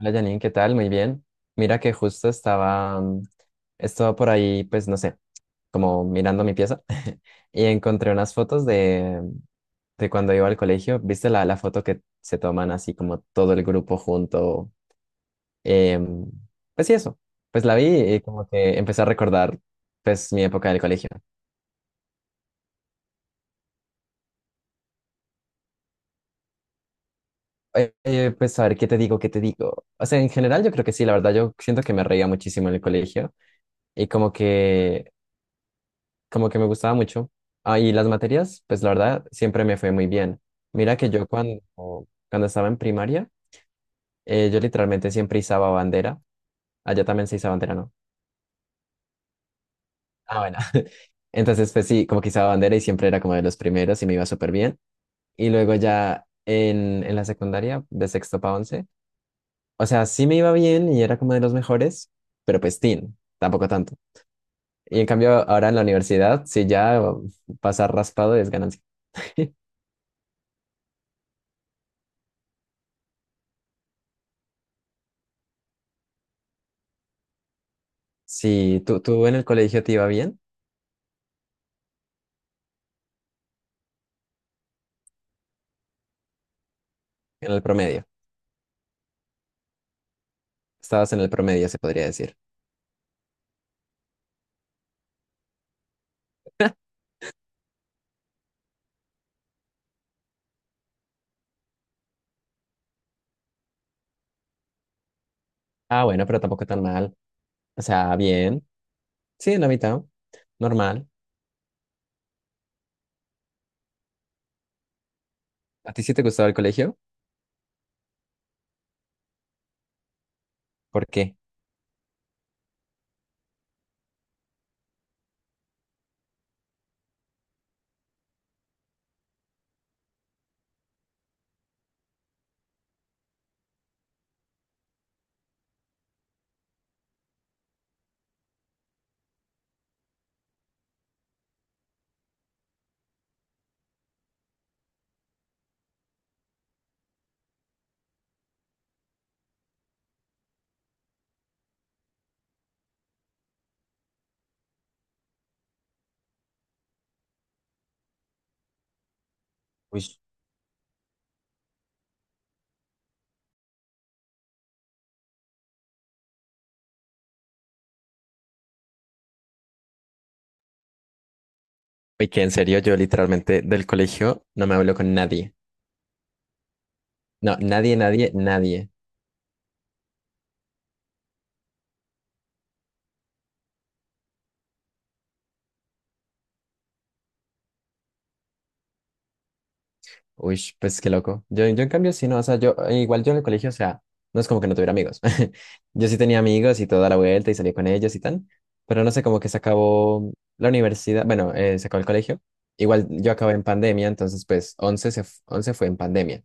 Hola Janine, ¿qué tal? Muy bien. Mira que justo estaba por ahí, pues no sé, como mirando mi pieza y encontré unas fotos de cuando iba al colegio. ¿Viste la foto que se toman así como todo el grupo junto? Em, pues sí, eso. Pues la vi y como que empecé a recordar pues mi época del colegio. Pues a ver, ¿qué te digo? ¿Qué te digo? O sea, en general yo creo que sí, la verdad yo siento que me reía muchísimo en el colegio y como que me gustaba mucho. Ah, y las materias, pues la verdad, siempre me fue muy bien. Mira que yo cuando estaba en primaria, yo literalmente siempre izaba bandera. Allá también se izaba bandera, ¿no? Ah, bueno. Entonces, pues sí, como que izaba bandera y siempre era como de los primeros y me iba súper bien. Y luego ya en la secundaria, de sexto para once, o sea, sí me iba bien y era como de los mejores, pero pues tampoco tanto. Y en cambio, ahora en la universidad, sí ya pasar raspado es ganancia. Sí, tú en el colegio te iba bien, en el promedio. Estabas en el promedio, se podría decir. Ah, bueno, pero tampoco tan mal. O sea, bien. Sí, en la mitad. Normal. ¿A ti sí te gustaba el colegio? ¿Por qué? Uy. Uy, ¿que en serio? Yo literalmente del colegio no me hablo con nadie. No, nadie, nadie, nadie. Uy, pues qué loco. Yo en cambio sí, no, o sea, yo igual yo en el colegio, o sea, no es como que no tuviera amigos. Yo sí tenía amigos y toda la vuelta y salí con ellos y tal, pero no sé, como que se acabó la universidad, bueno, se acabó el colegio. Igual yo acabé en pandemia, entonces pues 11 fue en pandemia.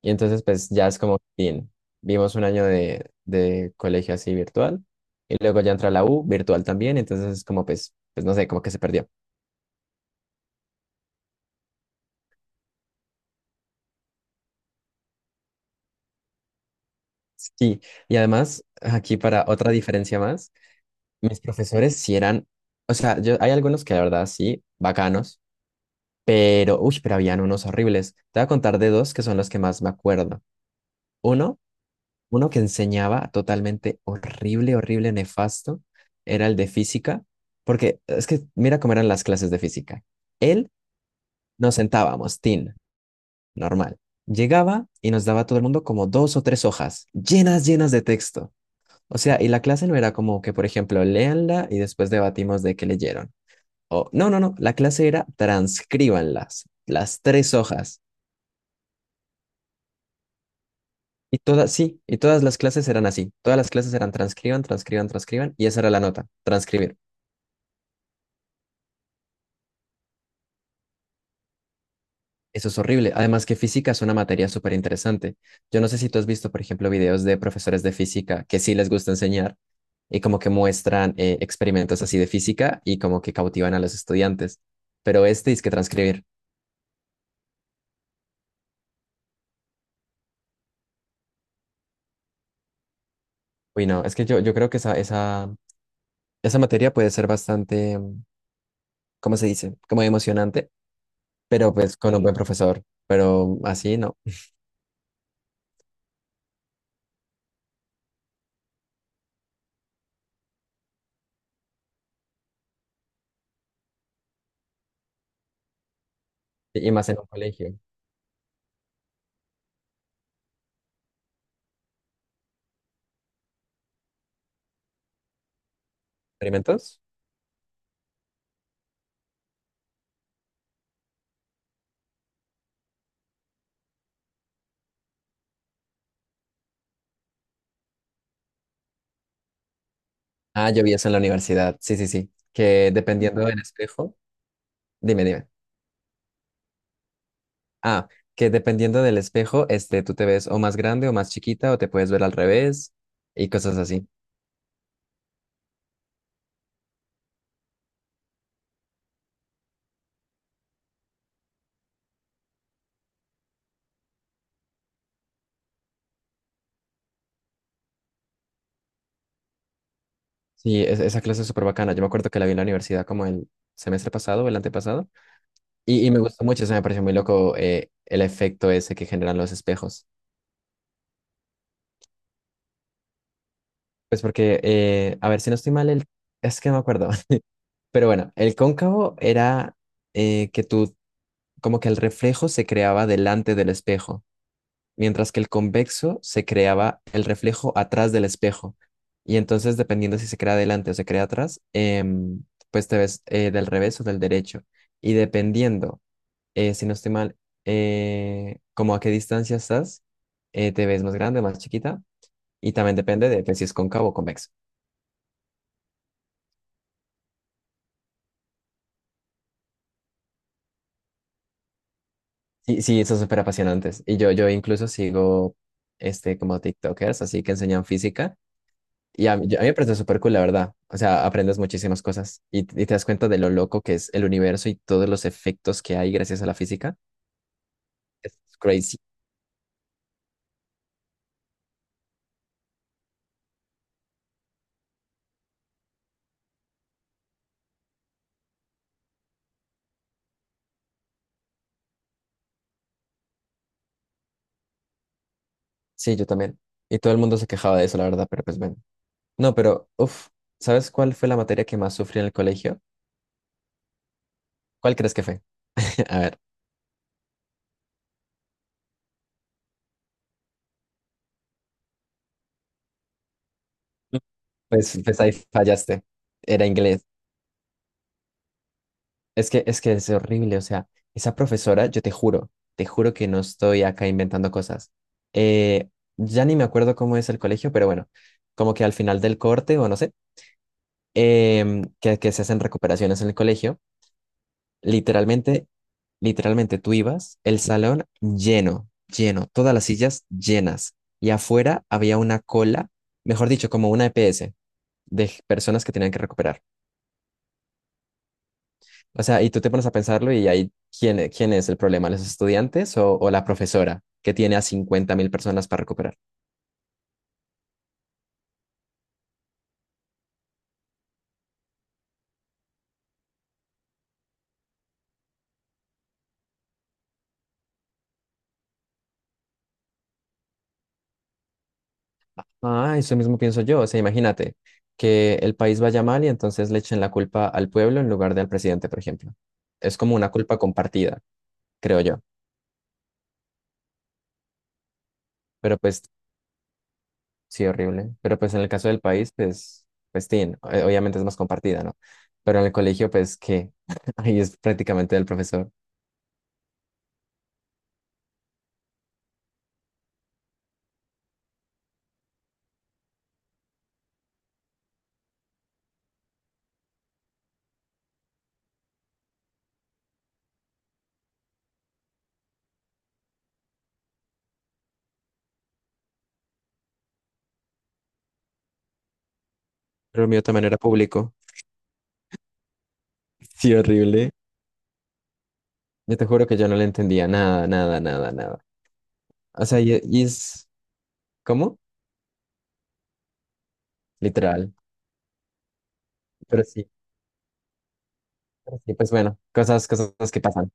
Y entonces pues ya es como, bien, vimos un año de colegio así virtual y luego ya entra la U virtual también, entonces es como pues, pues no sé, como que se perdió. Sí, y además aquí para otra diferencia más. Mis profesores sí eran, o sea, yo, hay algunos que la verdad sí, bacanos, pero, uy, pero habían unos horribles. Te voy a contar de dos que son los que más me acuerdo. Uno, Uno que enseñaba totalmente horrible, horrible, nefasto, era el de física, porque es que mira cómo eran las clases de física. Él nos sentábamos, tin, normal. Llegaba y nos daba a todo el mundo como dos o tres hojas, llenas, llenas de texto. O sea, y la clase no era como que, por ejemplo, léanla y después debatimos de qué leyeron. O- no, no, no, La clase era transcríbanlas, las tres hojas. Y todas, sí, y todas las clases eran así. Todas las clases eran transcriban, transcriban, transcriban, y esa era la nota, transcribir. Eso es horrible. Además que física es una materia súper interesante. Yo no sé si tú has visto, por ejemplo, videos de profesores de física que sí les gusta enseñar y como que muestran experimentos así de física y como que cautivan a los estudiantes. Pero este es que transcribir. Uy, no, es que yo creo que esa materia puede ser bastante, mm, ¿cómo se dice? Como emocionante, pero pues con un buen profesor, pero así no. Y más en un colegio. ¿Experimentos? Ah, yo vi eso en la universidad. Sí, sí, sí. Que dependiendo del espejo, dime, dime. Ah, que dependiendo del espejo, este, tú te ves o más grande o más chiquita o te puedes ver al revés y cosas así. Sí, es- esa clase es súper bacana. Yo me acuerdo que la vi en la universidad como el semestre pasado o el antepasado y me gustó mucho, se me pareció muy loco el efecto ese que generan los espejos. Pues porque, a ver si no estoy mal, el... es que no me acuerdo. Pero bueno, el cóncavo era eh, que tú, como que el reflejo se creaba delante del espejo, mientras que el convexo se creaba el reflejo atrás del espejo. Y entonces, dependiendo si se crea delante o se crea atrás, pues te ves del revés o del derecho. Y dependiendo, si no estoy mal, como a qué distancia estás, te ves más grande, más chiquita. Y también depende de pues, si es cóncavo o convexo. Sí, sí, son súper apasionantes. Y yo incluso sigo este, como TikTokers, así que enseñan física. Y a mí, a mí me parece súper cool, la verdad. O sea, aprendes muchísimas cosas y te das cuenta de lo loco que es el universo y todos los efectos que hay gracias a la física. Es crazy. Sí, yo también. Y todo el mundo se quejaba de eso, la verdad, pero pues bueno. No, pero, uff, ¿sabes cuál fue la materia que más sufrí en el colegio? ¿Cuál crees que fue? A ver, pues, pues ahí fallaste. Era inglés. Es que, es que es horrible, o sea, esa profesora, yo te juro que no estoy acá inventando cosas. Eh, ya ni me acuerdo cómo es el colegio, pero bueno, como que al final del corte, o no sé, que se hacen recuperaciones en el colegio, literalmente, literalmente tú ibas, el salón lleno, lleno, todas las sillas llenas, y afuera había una cola, mejor dicho, como una EPS de personas que tenían que recuperar. O sea, y tú te pones a pensarlo y ahí, ¿quién es el problema? ¿Los estudiantes o la profesora que tiene a 50.000 personas para recuperar? Ah, eso mismo pienso yo. O sea, imagínate que el país vaya mal y entonces le echen la culpa al pueblo en lugar de al presidente, por ejemplo. Es como una culpa compartida, creo yo. Pero pues, sí, horrible. Pero pues en el caso del país, pues, pues, tin, obviamente es más compartida, ¿no? Pero en el colegio, pues, qué, ahí es prácticamente del profesor. Pero el mío también era público. Sí, horrible. Yo te juro que yo no le entendía nada, nada, nada, nada. O sea, y es, ¿cómo? Literal. Pero sí, pero sí, pues bueno, cosas, cosas que pasan.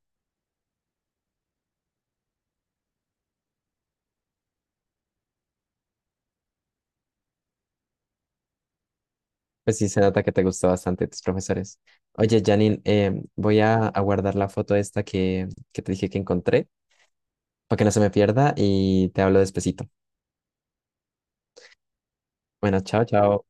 Pues sí, se nota que te gustó bastante tus profesores. Oye, Janine, voy a guardar la foto esta que te dije que encontré para que no se me pierda y te hablo despacito. Bueno, chao, chao.